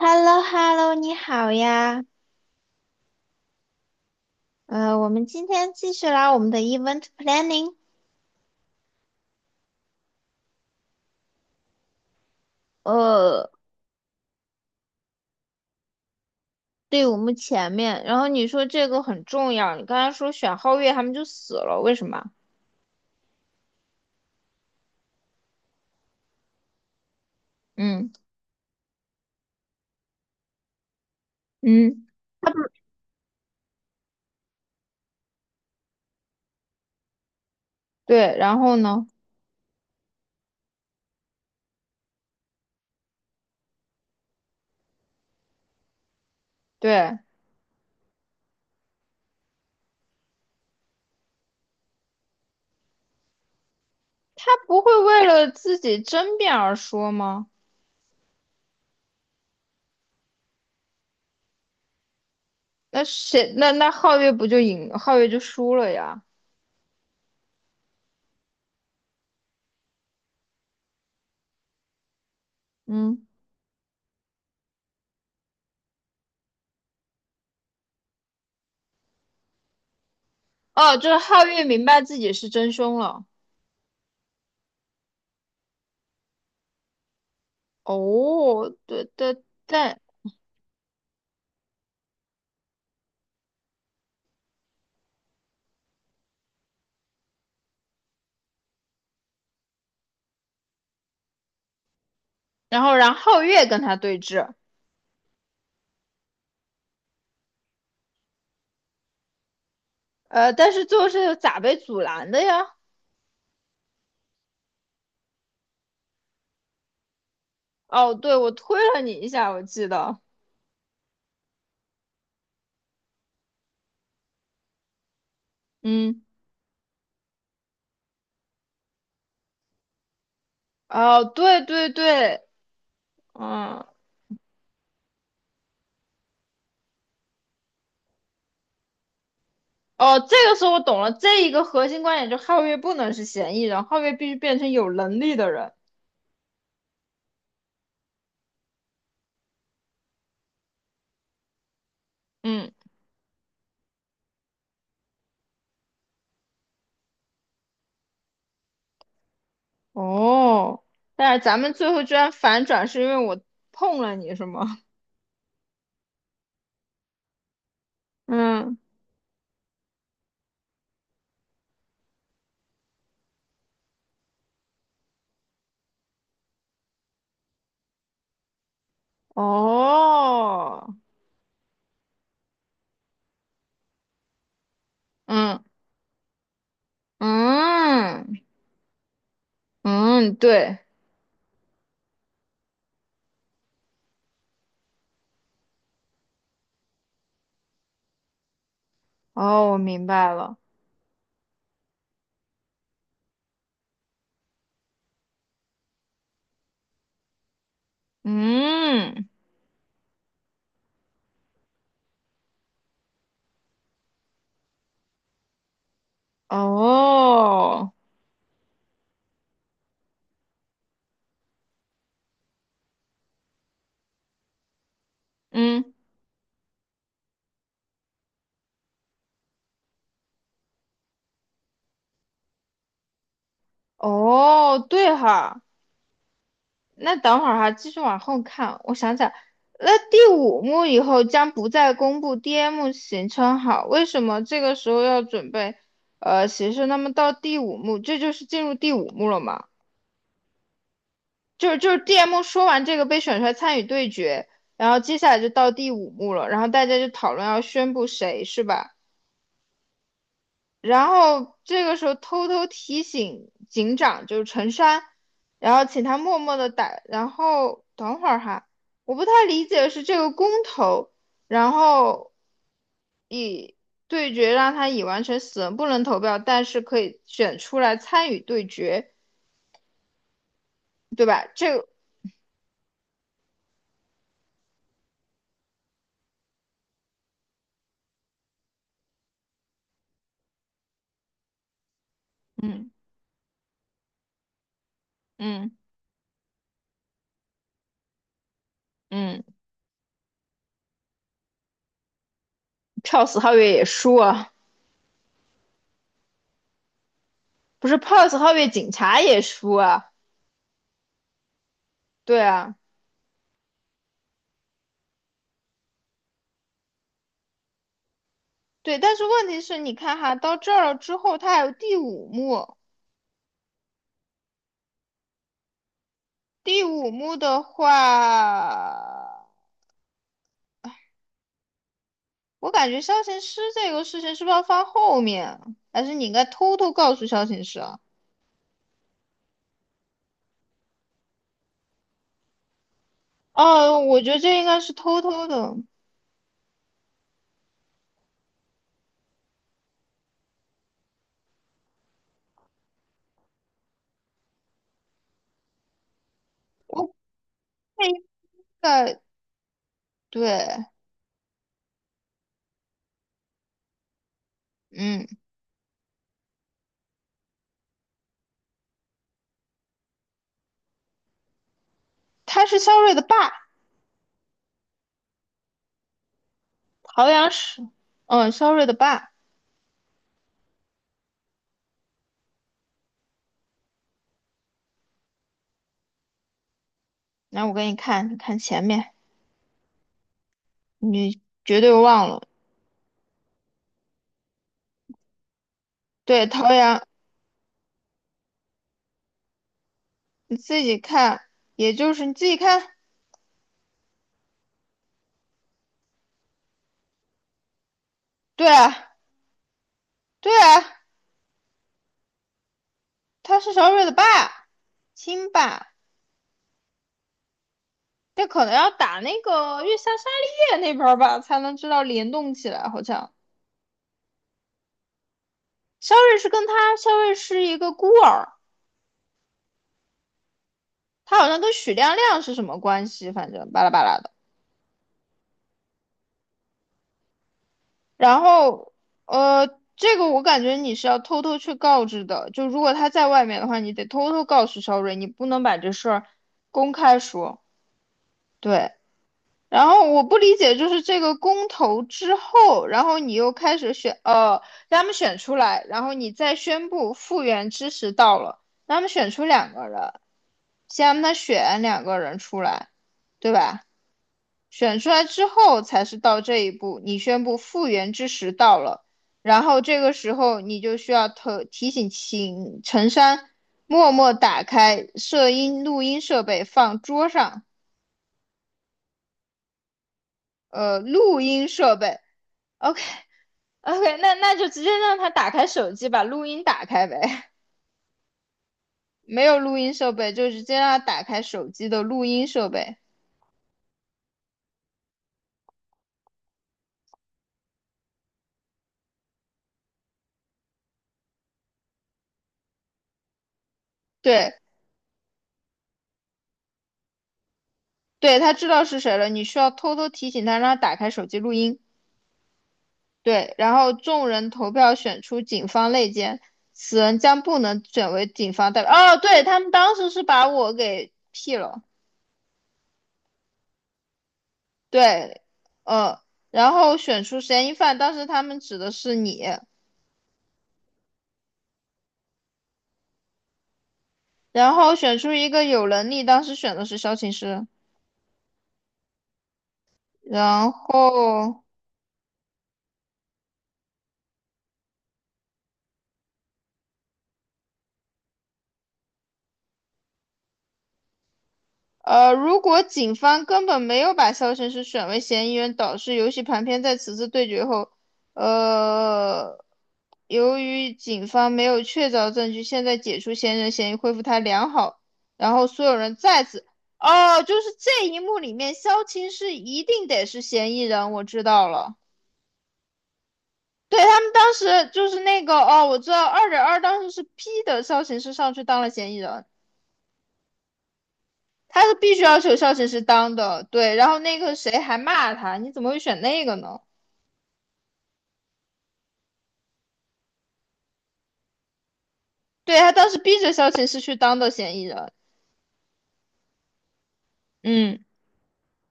h e l l o h e l l o 你好呀。我们今天继续来我们的 event planning。 呃队伍目前面。然后你说这个很重要，你刚才说选皓月他们就死了，为什么？嗯嗯，他对，然后呢？对，他不会为了自己争辩而说吗？那谁？那皓月不就赢？皓月就输了呀。嗯。哦，就是皓月明白自己是真凶了。哦，对对，对。然后让皓月跟他对峙。但是最后是咋被阻拦的呀？哦，对，我推了你一下，我记得。嗯。哦，对对对。嗯。哦，这个时候我懂了，这一个核心观点就是皓月不能是嫌疑人，皓月必须变成有能力的人。嗯。哦，但是咱们最后居然反转，是因为我碰了你是吗？嗯。哦。嗯嗯嗯。对。哦，我明白了。嗯。哦。嗯。哦，对哈。那等会儿哈，继续往后看，我想想。那第五幕以后将不再公布 DM 行程好，为什么这个时候要准备行程？那么到第五幕，这就是进入第五幕了嘛？就是DM 说完这个被选出来参与对决，然后接下来就到第五幕了，然后大家就讨论要宣布谁是吧？然后这个时候偷偷提醒警长，就是陈山，然后请他默默的打，然后等会儿哈，我不太理解是这个公投，然后对决让他已完成死人不能投票，但是可以选出来参与对决，对吧？这个，嗯嗯嗯。票死皓月也输啊。不是票死皓月警察也输啊。对啊。对，但是问题是，你看哈，到这儿了之后，他还有第五幕。第五幕的话，我感觉肖琴师这个事情是不是要放后面，还是你应该偷偷告诉肖琴师啊？哦，我觉得这应该是偷偷的，我这应该对。嗯。他是肖睿的爸，陶阳是，嗯，肖睿的爸。来，我给你看，你看前面，你绝对忘了。对，陶阳。你自己看，也就是你自己看。对啊。对啊，他是萧睿的爸，亲爸。这可能要打那个月下沙利叶那边儿吧，才能知道联动起来。好像肖瑞是跟他，肖瑞是一个孤儿，他好像跟许亮亮是什么关系，反正巴拉巴拉的。然后，呃，这个我感觉你是要偷偷去告知的，就如果他在外面的话，你得偷偷告诉肖瑞，你不能把这事儿公开说。对，然后我不理解，就是这个公投之后，然后你又开始选，让他们选出来，然后你再宣布复原之时到了，让他们选出两个人，先让他选两个人出来，对吧？选出来之后才是到这一步，你宣布复原之时到了，然后这个时候你就需要特提醒请陈山默默打开摄音录音设备，放桌上，录音设备，OK。OK,那那就直接让他打开手机，把录音打开呗。没有录音设备，就直接让他打开手机的录音设备。对。对，他知道是谁了，你需要偷偷提醒他，让他打开手机录音。对，然后众人投票选出警方内奸，此人将不能选为警方代表。哦，对，他们当时是把我给 P 了。对，呃，然后选出嫌疑犯，当时他们指的是你，然后选出一个有能力，当时选的是萧琴师。然后，如果警方根本没有把肖申是选为嫌疑人，导致游戏盘片在此次对决后，呃，由于警方没有确凿证据，现在解除嫌疑人嫌疑，恢复他良好，然后所有人再次，哦，就是这一幕里面，萧晴是一定得是嫌疑人，我知道了。对，他们当时就是那个哦，我知道二点二当时是 P 的萧琴是上去当了嫌疑人，他是必须要求校审是当的，对。然后那个谁还骂他，你怎么会选那个呢？对他当时逼着校庆是去当的嫌疑人。嗯。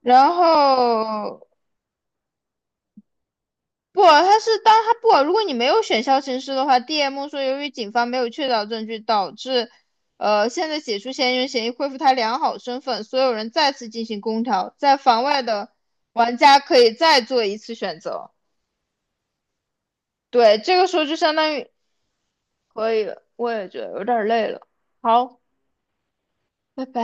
然后不，他是当他不，如果你没有选校庆师的话，DM 说由于警方没有确凿证据，导致现在解除嫌疑人嫌疑，恢复他良好身份，所有人再次进行公调，在房外的玩家可以再做一次选择。对，这个时候就相当于可以了，我也觉得有点累了。好，拜拜。